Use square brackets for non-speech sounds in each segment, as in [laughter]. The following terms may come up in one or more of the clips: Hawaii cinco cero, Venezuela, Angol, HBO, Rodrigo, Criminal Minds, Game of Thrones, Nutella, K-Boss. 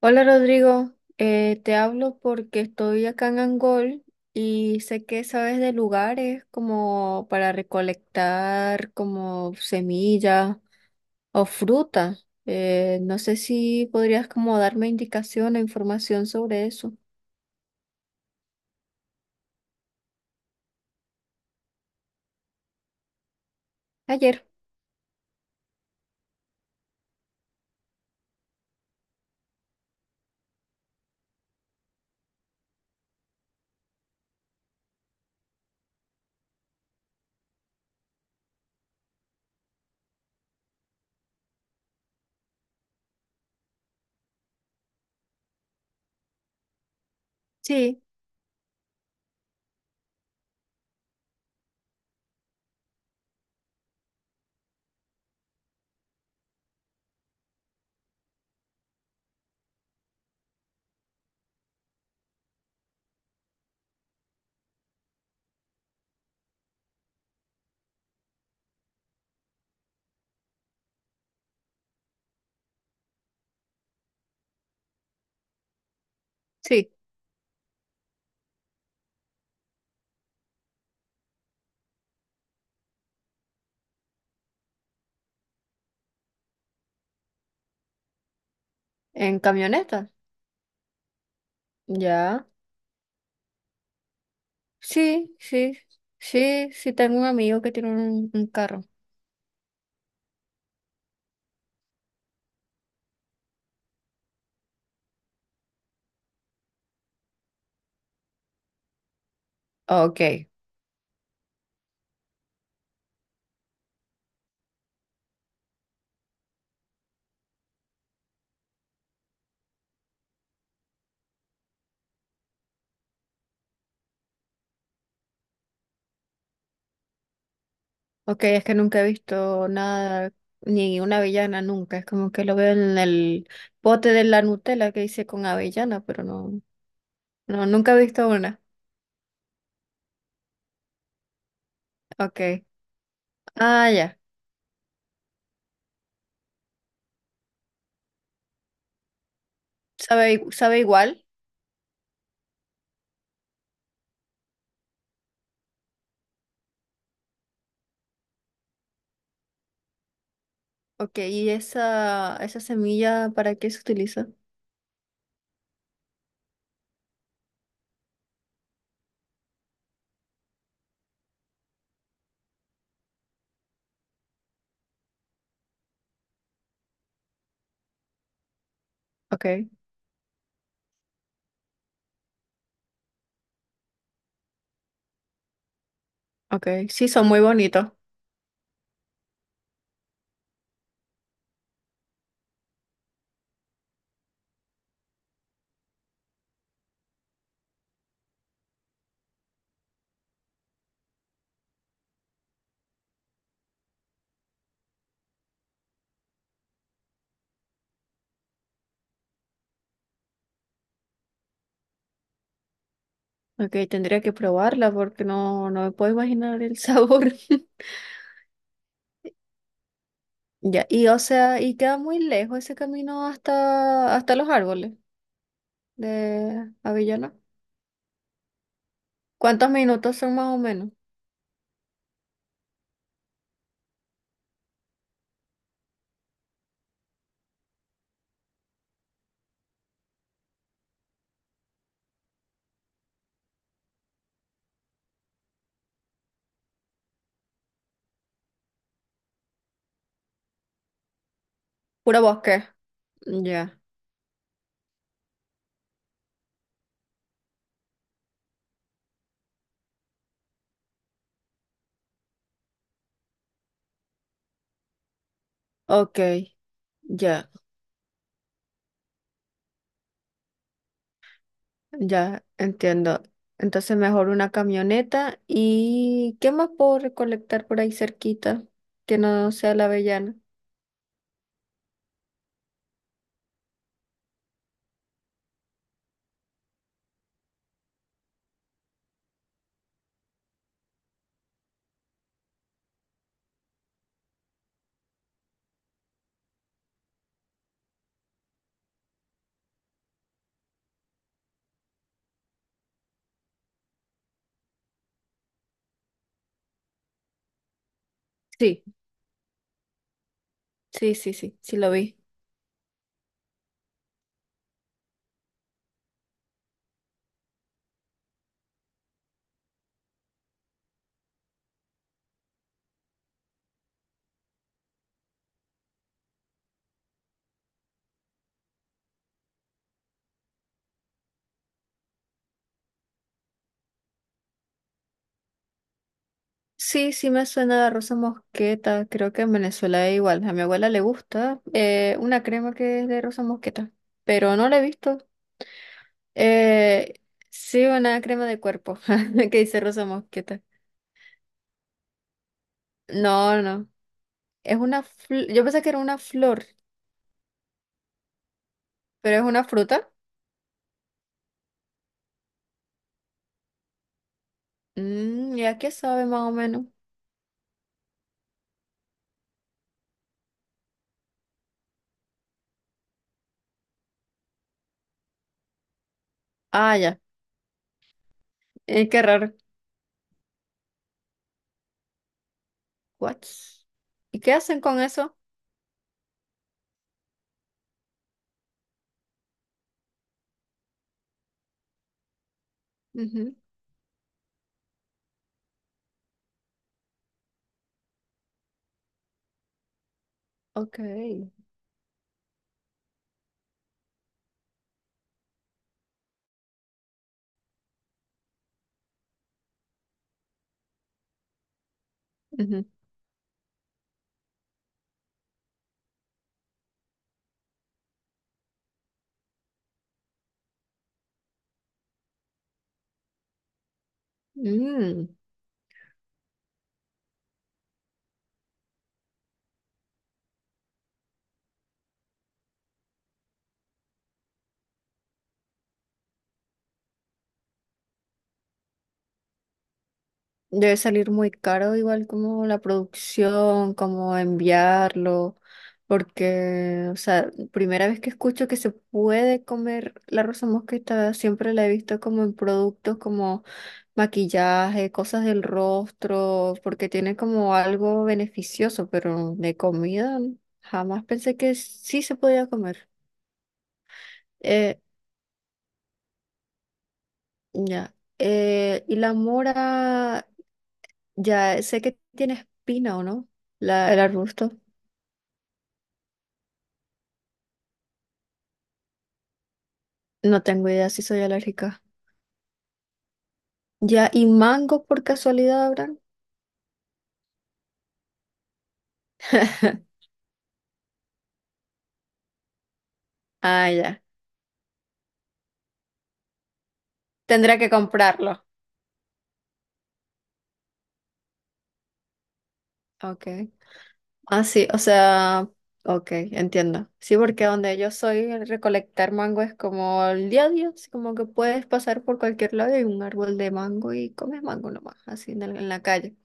Hola Rodrigo, te hablo porque estoy acá en Angol y sé que sabes de lugares como para recolectar como semillas o fruta. No sé si podrías como darme indicación o información sobre eso. Ayer, sí, sí, en camioneta. Ya, sí, sí, sí, sí, tengo un amigo que tiene un carro. Ok. Ok, es que nunca he visto nada, ni una avellana nunca. Es como que lo veo en el bote de la Nutella que hice con avellana, pero no, no, nunca he visto una. Ok. Ah, ya. Sabe, sabe igual. Ok, ¿y esa semilla para qué se utiliza? Ok, ok. Sí, son muy bonitos. Ok, tendría que probarla porque no, no me puedo imaginar el sabor. [laughs] Ya, y o sea, y queda muy lejos ese camino hasta los árboles de avellana. ¿Cuántos minutos son más o menos? Puro bosque. Ya, ok, ya, ya, entiendo. Entonces mejor una camioneta. ¿Y qué más puedo recolectar por ahí cerquita que no sea la avellana? Sí, sí, sí, sí, sí lo vi. Sí, sí me suena la rosa mosqueta. Creo que en Venezuela es igual. A mi abuela le gusta una crema que es de rosa mosqueta, pero no la he visto. Eh, sí, una crema de cuerpo [laughs] que dice rosa mosqueta. No, no. Es una yo pensé que era una flor, pero es una fruta. Mm, ¿y a qué sabe más o menos? Ah, ya. Qué raro. What? ¿Y qué hacen con eso? Ujú. Ok. Ujú. Mm. Debe salir muy caro, igual como la producción, como enviarlo, porque, o sea, primera vez que escucho que se puede comer la rosa mosqueta, siempre la he visto como en productos como maquillaje, cosas del rostro, porque tiene como algo beneficioso, pero de comida jamás pensé que sí se podía comer. Eh, ya. Y la mora, ya sé que tiene espina o no, el arbusto. No tengo idea si soy alérgica. Ya, ¿y mango por casualidad habrán? Ah, ya. Tendré que comprarlo. Ok. Ah, sí, o sea, ok, entiendo. Sí, porque donde yo soy, el recolectar mango es como el día a día, así como que puedes pasar por cualquier lado y hay un árbol de mango y comes mango nomás, así en, en la calle.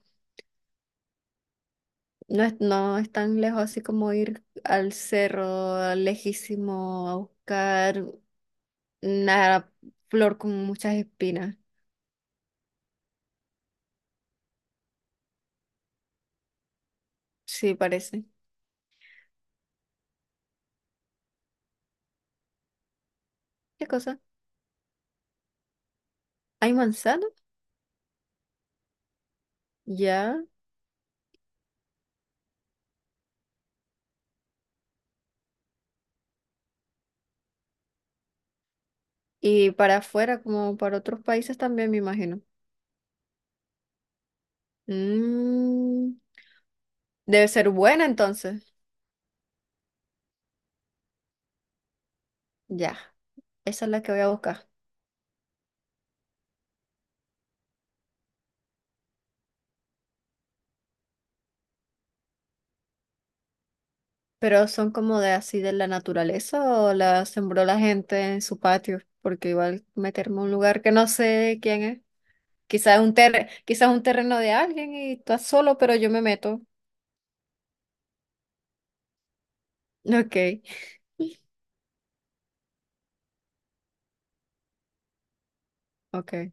No es, no es tan lejos así como ir al cerro lejísimo a buscar una flor con muchas espinas. Sí, parece. ¿Qué cosa? ¿Hay manzana? Ya. Y para afuera, como para otros países también, me imagino. Mmm. Debe ser buena entonces. Ya, esa es la que voy a buscar. Pero son como de así de la naturaleza o la sembró la gente en su patio, porque igual meterme a un lugar que no sé quién es. Quizás un terreno de alguien y estás solo, pero yo me meto. Ok, ok,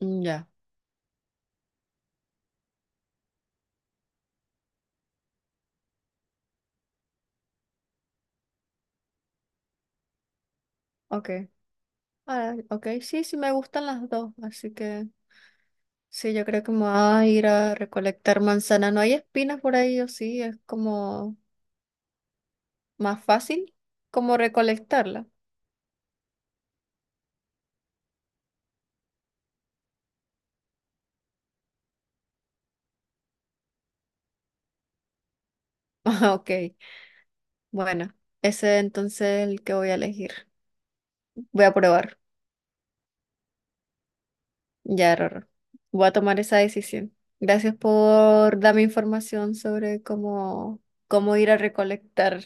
mm, ya, ok. Ah, ok, sí, sí me gustan las dos, así que sí, yo creo que me voy a ir a recolectar manzana. ¿No hay espinas por ahí o sí? Es como más fácil como recolectarlas. [laughs] Ah, ok, bueno, ese entonces es el que voy a elegir. Voy a probar. Ya, Rorro. Voy a tomar esa decisión. Gracias por darme información sobre cómo, cómo ir a recolectar.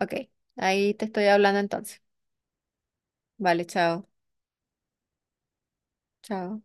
Ok, ahí te estoy hablando entonces. Vale, chao. Chao.